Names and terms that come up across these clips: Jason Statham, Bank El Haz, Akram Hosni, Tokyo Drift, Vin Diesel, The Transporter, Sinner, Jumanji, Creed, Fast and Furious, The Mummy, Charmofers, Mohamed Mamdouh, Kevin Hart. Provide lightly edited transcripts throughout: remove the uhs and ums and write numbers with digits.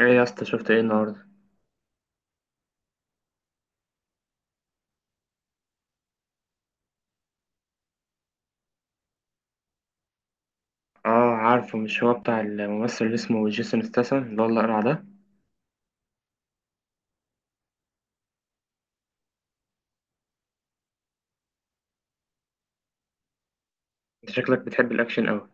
ايه يا اسطى، شفت ايه النهارده؟ اه، عارفه، مش هو بتاع الممثل اللي اسمه جيسون ستاثام اللي هو الاقرع ده؟ انت شكلك بتحب الاكشن قوي.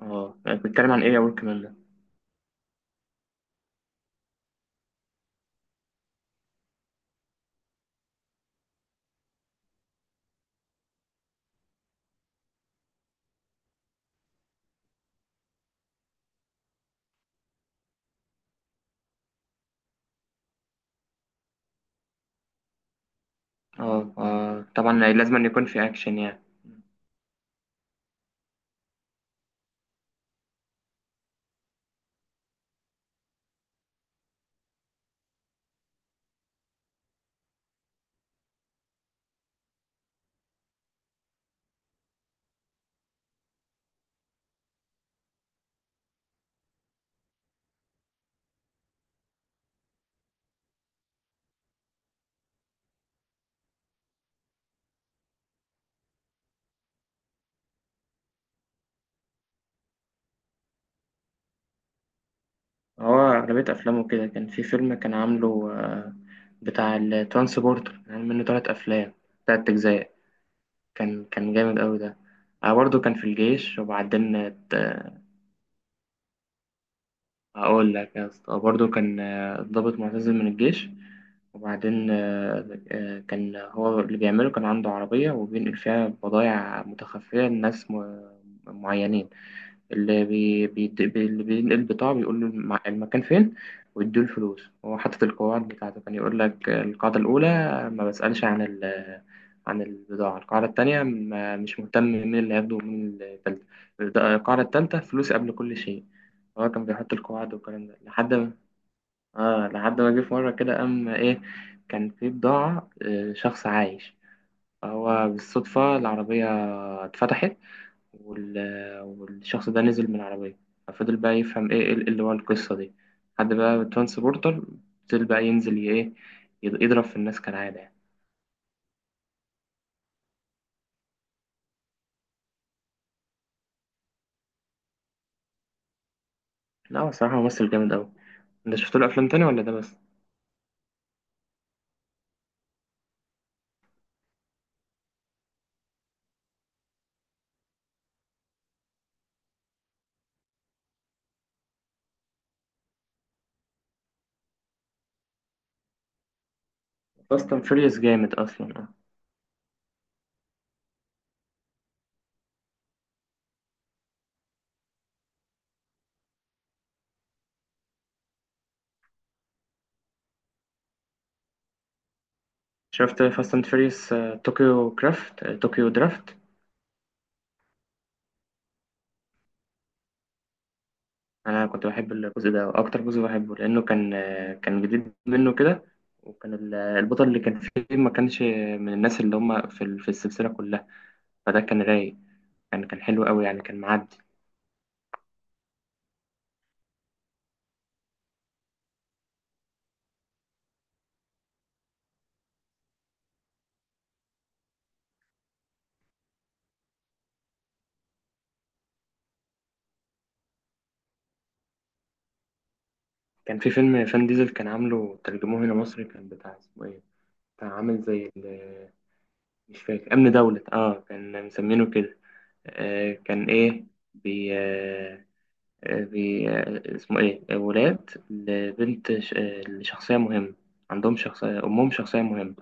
اه، كنت بتتكلم عن ايه يا ورك مان ده؟ اه، اه، طبعا لازم أن يكون في اكشن يعني. هو اغلبيه افلامه كده، كان في فيلم كان عامله بتاع الترانسبورتر، يعني منه تلات افلام، تلات اجزاء. كان جامد قوي ده. برضه كان في الجيش وبعدين. هقول لك يا اسطى، برضه كان ضابط معتزل من الجيش، وبعدين كان هو اللي بيعمله، كان عنده عربية وبينقل فيها بضايع متخفية لناس معينين. اللي بي بي بي- اللي بينقل البضاعة بيقول له المكان فين، ويديله الفلوس. هو حاطط القواعد بتاعته، كان يقول لك القاعدة الأولى ما بسألش عن البضاعة، القاعدة التانية ما مش مهتم مين اللي هياخده، ومين التالتة القاعدة التالتة فلوس قبل كل شيء. هو كان بيحط القواعد والكلام ده لحد ما جه في مرة كده، قام إيه، كان في بضاعة، شخص عايش. فهو بالصدفة العربية اتفتحت، وال... والشخص ده نزل من العربية، ففضل بقى يفهم إيه اللي ورا القصة دي. لحد بقى ترانسبورتر فضل بقى ينزل ايه، يضرب في الناس كالعادة يعني. لا، هو الصراحة ممثل جامد أوي. انت شفت له أفلام تاني ولا ده بس؟ فاست اند فيريوس جامد أصلا، اه. شفت فاست اند فيريوس طوكيو كرافت، طوكيو درافت؟ أنا كنت بحب الجزء ده، وأكتر جزء بحبه لأنه كان كان جديد منه كده، وكان البطل اللي كان فيه ما كانش من الناس اللي هم في السلسلة كلها، فده كان رايق. كان حلو قوي يعني، كان معدي. كان في فيلم فان ديزل كان عامله، ترجموه هنا مصري، كان بتاع، اسمه ايه، بتاع عامل زي مش فاكر، امن دولة، اه كان مسمينه كده. آه كان ايه بي آه آه، بي آه اسمه ايه، ولاد لبنت لشخصية مهمة، عندهم شخصية، أمهم شخصية مهمة.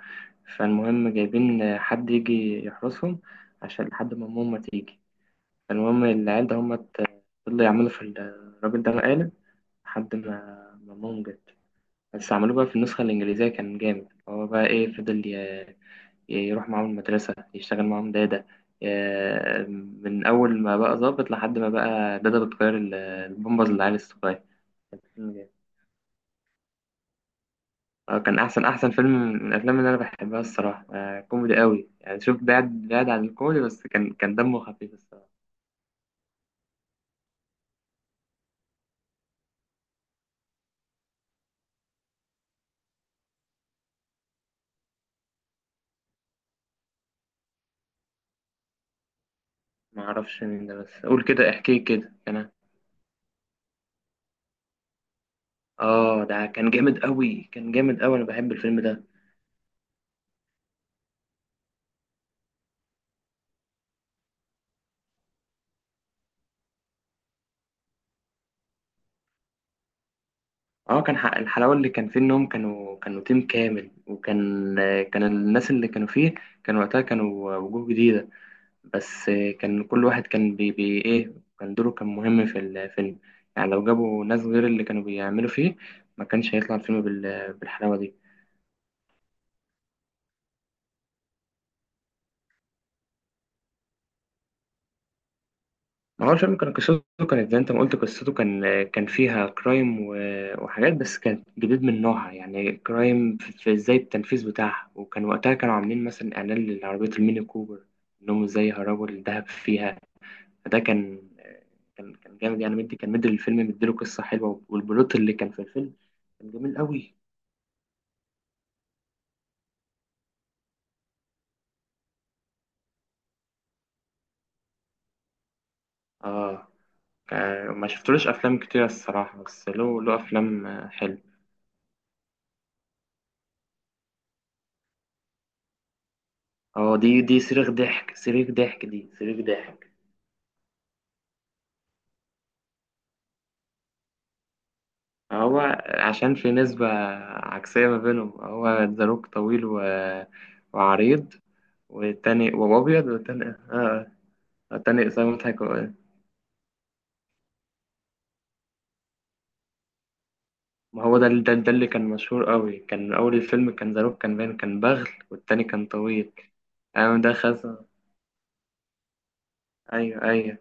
فالمهم جايبين حد يجي يحرسهم عشان لحد ما أمهم ما تيجي. فالمهم العيال ده هما فضلوا يعملوا في الراجل ده مقالب لحد ما مامهم جت. بس عملوه بقى في النسخة الإنجليزية كان جامد، هو بقى إيه، فضل يروح معاهم المدرسة، يشتغل معاهم دادا، ي- من أول ما بقى ظابط لحد ما بقى دادا بتغير البامبرز للعيال الصغير. كان أحسن فيلم من الأفلام اللي أنا بحبها الصراحة. كوميدي قوي يعني، شوف بعد عن الكوميدي، بس كان دمه خفيف الصراحة. ما أعرفش مين ده، بس قول كده، احكي كده كان. ده كان جامد قوي، كان جامد قوي، أنا بحب الفيلم ده. اه، كان حق الحلاوة اللي كان فيه انهم كانوا تيم كامل، وكان كان الناس اللي كانوا فيه، كان وقتها كانوا وجوه جديدة، بس كان كل واحد كان بي, بي ايه كان دوره كان مهم في الفيلم. يعني لو جابوا ناس غير اللي كانوا بيعملوا فيه ما كانش هيطلع الفيلم بالحلاوة دي. ما هو شرم كان قصته، كانت زي انت ما قلت. قصته كان فيها كرايم وحاجات، بس كانت جديد من نوعها، يعني كرايم في ازاي التنفيذ بتاعها، وكان وقتها كانوا عاملين مثلا اعلان لعربية الميني كوبر، انهم ازاي هربوا الدهب فيها. فده كان كان جامد يعني، مديله قصة حلوة، والبلوت اللي كان في الفيلم كان جميل قوي. اه ما شفتلوش افلام كتير الصراحة، بس له افلام حلوة. اه، دي، دي صريخ ضحك، صريخ ضحك، دي صريخ ضحك. هو عشان في نسبة عكسية ما بينهم، هو الزاروك طويل وعريض، والتاني وأبيض، والتاني آه آه. التاني إسامة حاجة. ما هو ده اللي كان مشهور قوي، كان أول الفيلم كان زاروك كان باين كان بغل، والتاني كان طويل. أيوة ده خزن، أيوه، أيوه.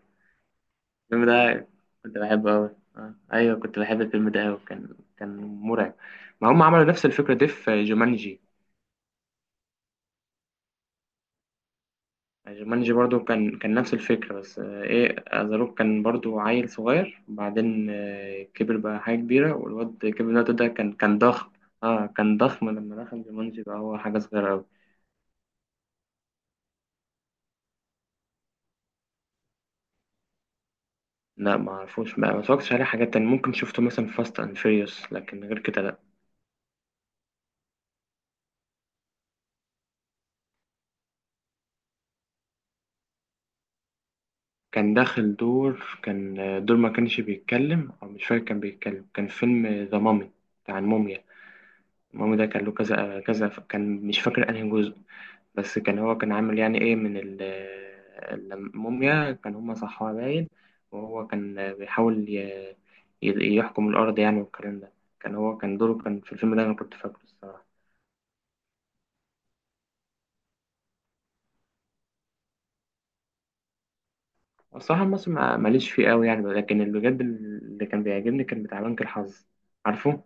الفيلم ده كنت بحبه أوي أيوه، كنت بحب الفيلم ده أوي، كان مرعب. ما هم عملوا نفس الفكرة دي في جومانجي. جومانجي برضو كان نفس الفكرة، بس آه، إيه أزاروك كان برضو عيل صغير، بعدين كبر بقى حاجة كبيرة، والواد كيفن هارت ده كان ضخم. اه كان ضخم، لما دخل جومانجي بقى هو حاجة صغيرة أوي. لا ما أعرفوش بقى، ما اتفرجتش عليه. حاجات تانية ممكن شفته مثلا في فاست أند فيريوس، لكن غير كده لأ. كان داخل دور، كان دور ما كانش بيتكلم، أو مش فاكر كان بيتكلم، كان فيلم ذا مامي، بتاع الموميا. المهم ده كان له كذا كذا، كان مش فاكر انهي جزء، بس كان هو كان عامل يعني ايه من الموميا، كان هما صحوها باين، وهو كان بيحاول يحكم الأرض يعني والكلام ده. كان هو كان دوره كان في الفيلم ده، أنا كنت فاكره الصراحة. الصراحة المصري ماليش فيه قوي يعني، لكن اللي بجد اللي كان بيعجبني كان بتاع بنك الحظ. عارفه؟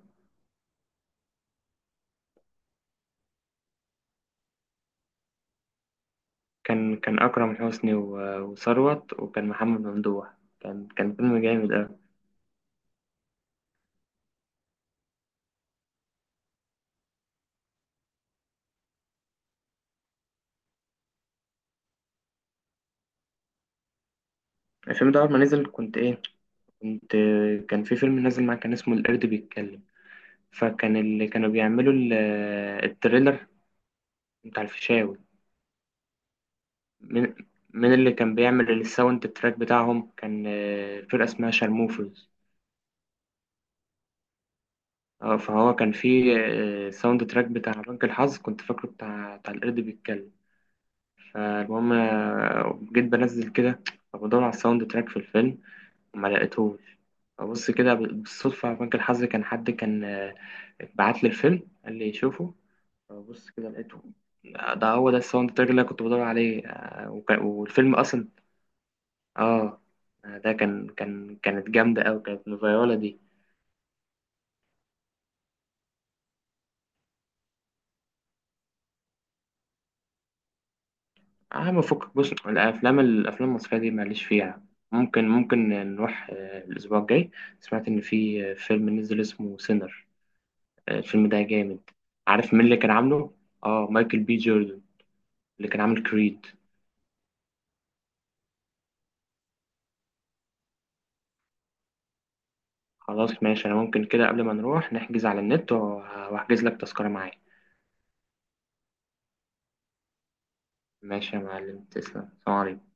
كان أكرم حسني وثروت، وكان محمد ممدوح. كان فيلم جامد أوي. الفيلم ده أول ما نزل كنت إيه، كنت كان في فيلم نازل معاه كان اسمه القرد بيتكلم، فكان اللي كانوا بيعملوا التريلر بتاع الفيشاوي. من من اللي كان بيعمل الساوند تراك بتاعهم كان فرقة اسمها شارموفرز. اه، فهو كان في ساوند تراك بتاع بنك الحظ كنت فاكره بتاع القرد بيتكلم. فالمهم جيت بنزل كده، فبدور على الساوند تراك في الفيلم وما لقيتهوش. فبص كده بالصدفة على بنك الحظ، كان حد كان بعت لي الفيلم قال لي شوفه، بص كده لقيته. ده هو ده الساوند تراك اللي أنا كنت بدور عليه، والفيلم أصلا. آه. ده كانت جامدة أوي، كانت الفيولا دي. أهم فكك، بص الأفلام المصرية دي ماليش فيها. ممكن نروح الأسبوع الجاي، سمعت إن في فيلم نزل اسمه سينر، الفيلم ده جامد. عارف مين اللي كان عامله؟ آه، مايكل B. جوردن، اللي كان عامل كريد. خلاص ماشي، أنا ممكن كده قبل ما نروح نحجز على النت، وهحجز لك تذكرة معايا. ماشي يا معلم، تسلم، السلام عليكم.